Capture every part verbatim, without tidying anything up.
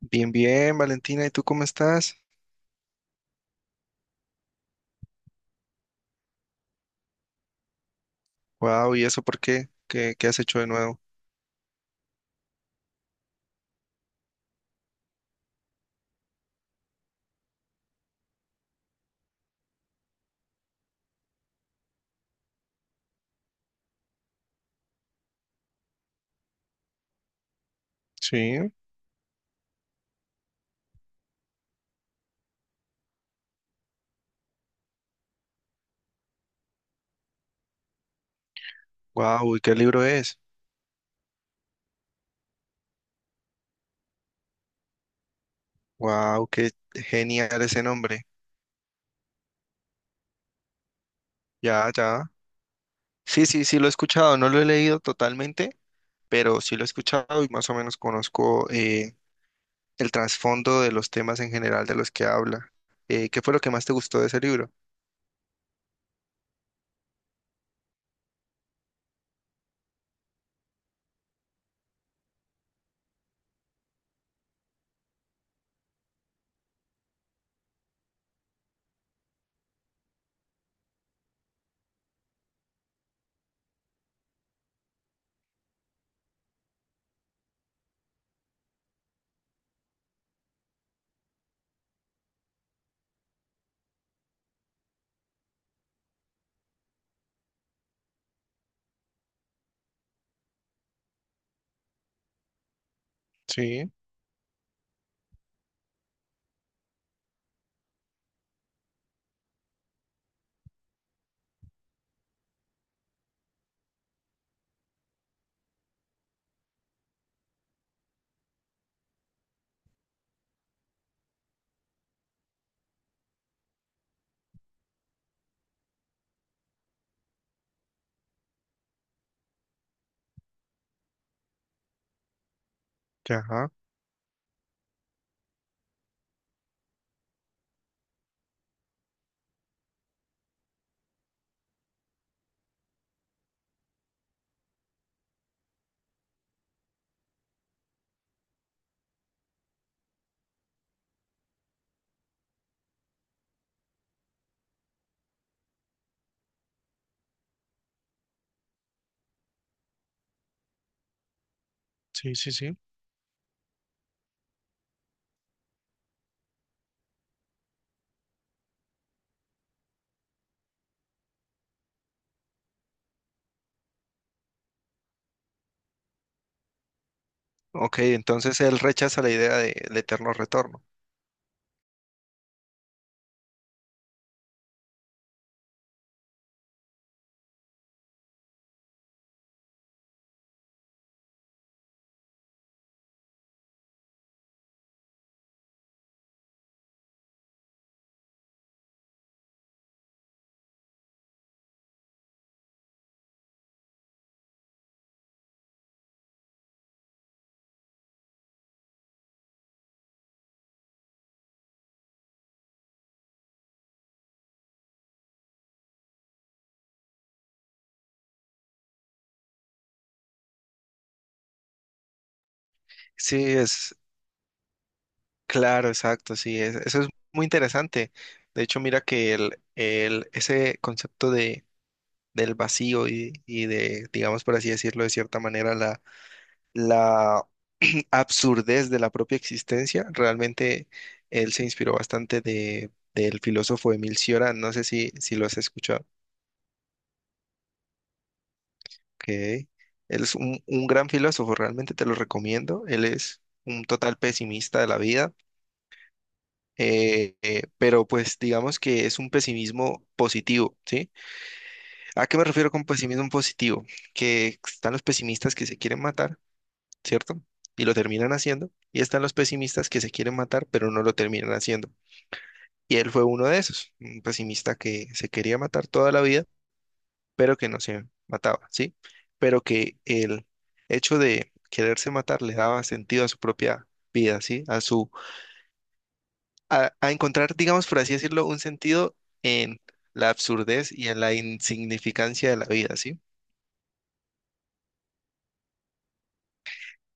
Bien, bien, Valentina, ¿y tú cómo estás? Wow, ¿y eso por qué? ¿Qué, qué has hecho de nuevo? Sí, wow, ¿y qué libro es? Wow, qué genial ese nombre. Ya, ya. Sí, sí, sí, lo he escuchado, no lo he leído totalmente, pero sí lo he escuchado y más o menos conozco eh, el trasfondo de los temas en general de los que habla. Eh, ¿qué fue lo que más te gustó de ese libro? Sí, ya, ajá. Sí, sí, sí. Ok, entonces él rechaza la idea de- del eterno retorno. Sí, es, Claro, exacto, sí, es- eso es muy interesante. De hecho, mira que el, el, ese concepto de, del vacío y, y de, digamos por así decirlo, de cierta manera, la, la absurdez de la propia existencia, realmente él se inspiró bastante de, del filósofo Emil Cioran, no sé si, si lo has escuchado. Que él es un, un gran filósofo, realmente te lo recomiendo. Él es un total pesimista de la vida, eh, eh, pero pues digamos que es un pesimismo positivo, ¿sí? ¿A qué me refiero con pesimismo positivo? Que están los pesimistas que se quieren matar, ¿cierto? Y lo terminan haciendo, y están los pesimistas que se quieren matar, pero no lo terminan haciendo. Y él fue uno de esos, un pesimista que se quería matar toda la vida, pero que no se mataba, ¿sí? Pero que el hecho de quererse matar le daba sentido a su propia vida, ¿sí? A su a, a encontrar, digamos, por así decirlo, un sentido en la absurdez y en la insignificancia de la vida, ¿sí?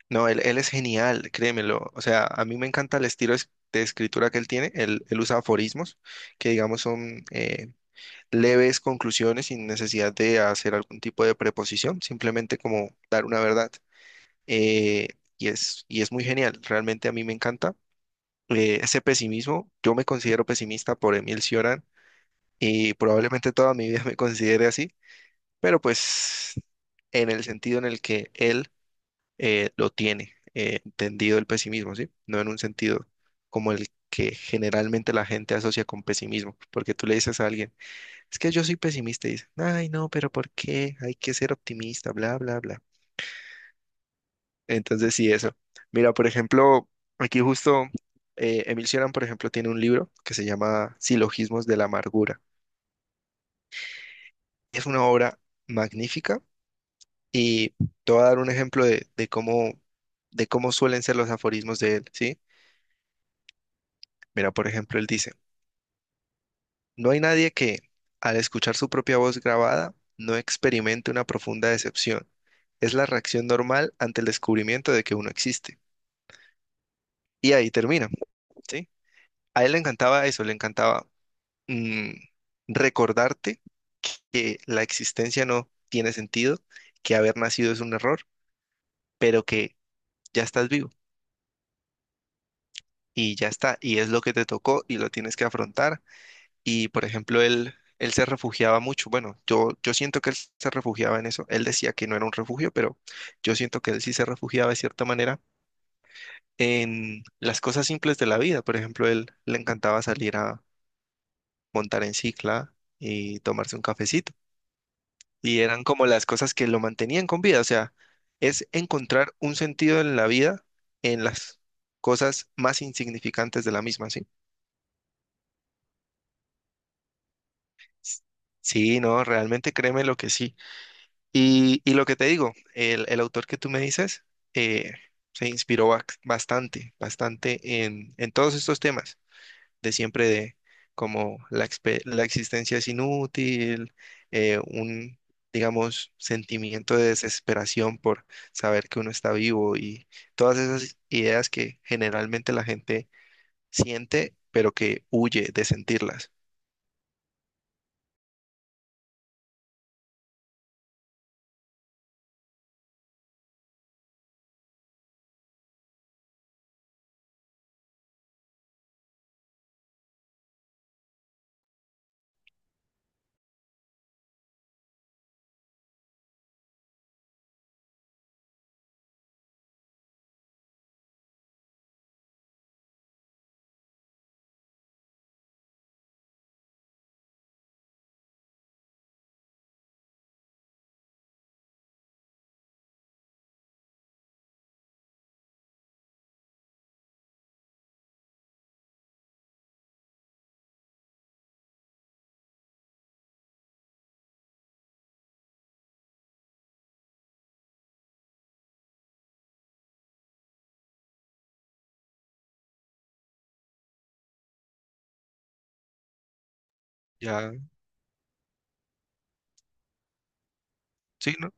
No, él, él es genial, créemelo. O sea, a mí me encanta el estilo es- de escritura que él tiene. Él, él usa aforismos que, digamos, son eh, leves conclusiones sin necesidad de hacer algún tipo de preposición, simplemente como dar una verdad. Eh, y es, y es muy genial, realmente a mí me encanta. Eh, ese pesimismo, yo me considero pesimista por Emil Cioran y probablemente toda mi vida me considere así, pero pues en el sentido en el que él eh, lo tiene eh, entendido el pesimismo, ¿sí? No en un sentido como el que generalmente la gente asocia con pesimismo, porque tú le dices a alguien, es que yo soy pesimista y dice, ay, no, pero ¿por qué? Hay que ser optimista, bla, bla, bla. Entonces, sí, eso. Mira, por ejemplo, aquí justo eh, Emil Cioran, por ejemplo, tiene un libro que se llama Silogismos de la Amargura. Es una obra magnífica. Y te voy a dar un ejemplo de, de cómo, de cómo suelen ser los aforismos de él, ¿sí? Mira, por ejemplo, él dice, no hay nadie que, al escuchar su propia voz grabada, no experimente una profunda decepción. Es la reacción normal ante el descubrimiento de que uno existe. Y ahí termina, ¿sí? A él le encantaba eso, le encantaba, mm, recordarte que la existencia no tiene sentido, que haber nacido es un error, pero que ya estás vivo. Y ya está, y es lo que te tocó y lo tienes que afrontar. Y por ejemplo, él, él se refugiaba mucho, bueno, yo, yo siento que él se refugiaba en eso, él decía que no era un refugio, pero yo siento que él sí se refugiaba de cierta manera en las cosas simples de la vida, por ejemplo, él le encantaba salir a montar en cicla y tomarse un cafecito, y eran como las cosas que lo mantenían con vida, o sea, es encontrar un sentido en la vida en las cosas más insignificantes de la misma, ¿sí? Sí, no, realmente créeme lo que sí. Y, y lo que te digo, el, el autor que tú me dices eh, se inspiró ba- bastante, bastante en, en todos estos temas de siempre de como la, expe- la existencia es inútil, eh, un, digamos, sentimiento de desesperación por saber que uno está vivo y todas esas ideas que generalmente la gente siente, pero que huye de sentirlas. Ya, sí, ¿no?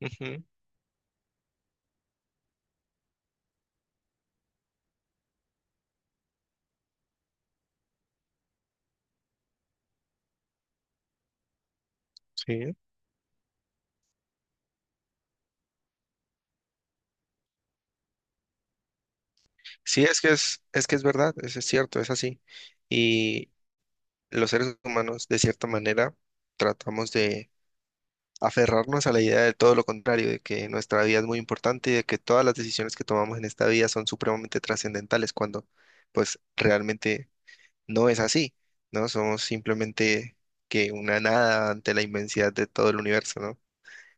Ujú, sí. Sí, es que es, es que es verdad, es, es cierto, es así. Y los seres humanos, de cierta manera, tratamos de aferrarnos a la idea de todo lo contrario, de que nuestra vida es muy importante y de que todas las decisiones que tomamos en esta vida son supremamente trascendentales, cuando pues realmente no es así, ¿no? Somos simplemente que una nada ante la inmensidad de todo el universo, ¿no?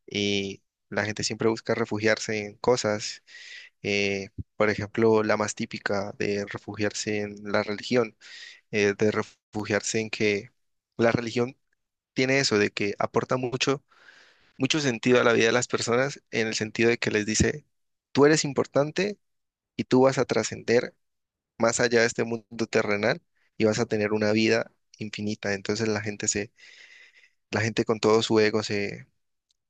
Y la gente siempre busca refugiarse en cosas, eh, por ejemplo, la más típica de refugiarse en la religión, eh, de refugiarse en que la religión tiene eso, de que aporta mucho, mucho sentido a la vida de las personas, en el sentido de que les dice, tú eres importante y tú vas a trascender más allá de este mundo terrenal y vas a tener una vida infinita. Entonces la gente se, la gente con todo su ego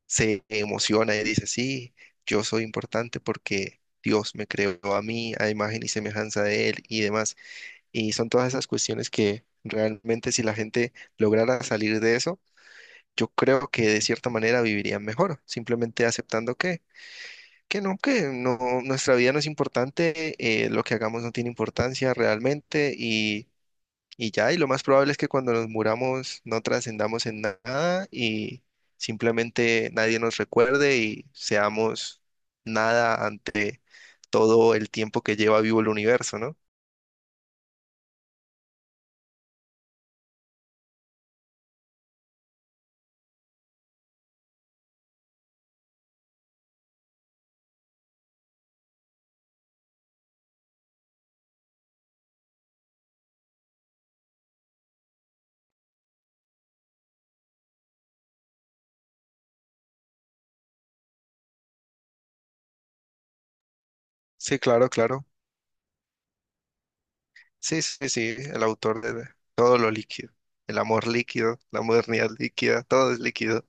se emociona y dice, sí, yo soy importante porque Dios me creó a mí, a imagen y semejanza de Él y demás. Y son todas esas cuestiones que realmente si la gente lograra salir de eso, yo creo que de cierta manera vivirían mejor, simplemente aceptando que, que no, que no, nuestra vida no es importante, eh, lo que hagamos no tiene importancia realmente y ya, y lo más probable es que cuando nos muramos no trascendamos en nada y simplemente nadie nos recuerde y seamos nada ante todo el tiempo que lleva vivo el universo, ¿no? Sí, claro, claro. Sí, sí, sí, el autor de todo lo líquido, el amor líquido, la modernidad líquida, todo es líquido.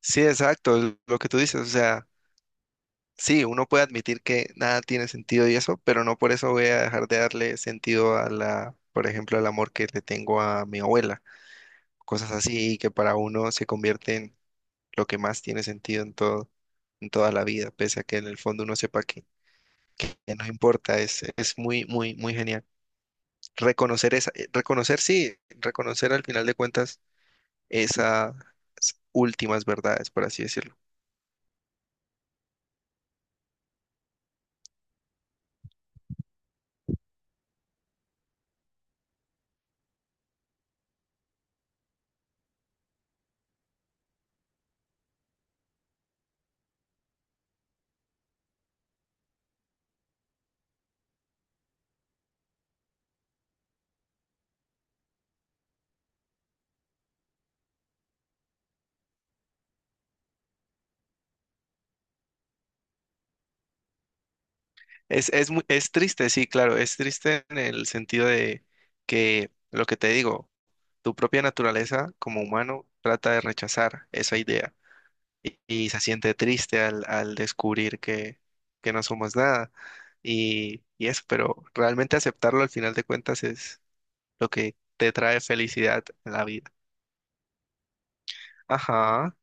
Sí, exacto, es lo que tú dices, o sea. Sí, uno puede admitir que nada tiene sentido y eso, pero no por eso voy a dejar de darle sentido a la, por ejemplo, al amor que le tengo a mi abuela. Cosas así que para uno se convierte en lo que más tiene sentido en todo, en toda la vida, pese a que en el fondo uno sepa que ya no importa. Es, es muy, muy, muy genial. Reconocer esa, eh, reconocer, sí, reconocer al final de cuentas esas últimas verdades, por así decirlo. Es, es, mu- es triste, sí, claro, es triste en el sentido de que lo que te digo, tu propia naturaleza como humano trata de rechazar esa idea y, y se siente triste al, al descubrir que, que no somos nada y, y eso, pero realmente aceptarlo al final de cuentas es lo que te trae felicidad en la vida. Ajá,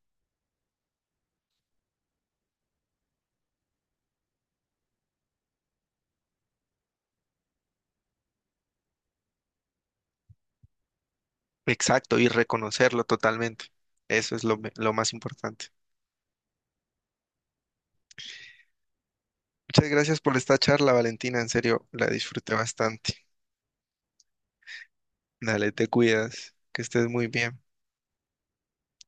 exacto, y reconocerlo totalmente. Eso es lo, me- lo más importante. Muchas gracias por esta charla, Valentina, en serio, la disfruté bastante. Dale, te cuidas, que estés muy bien.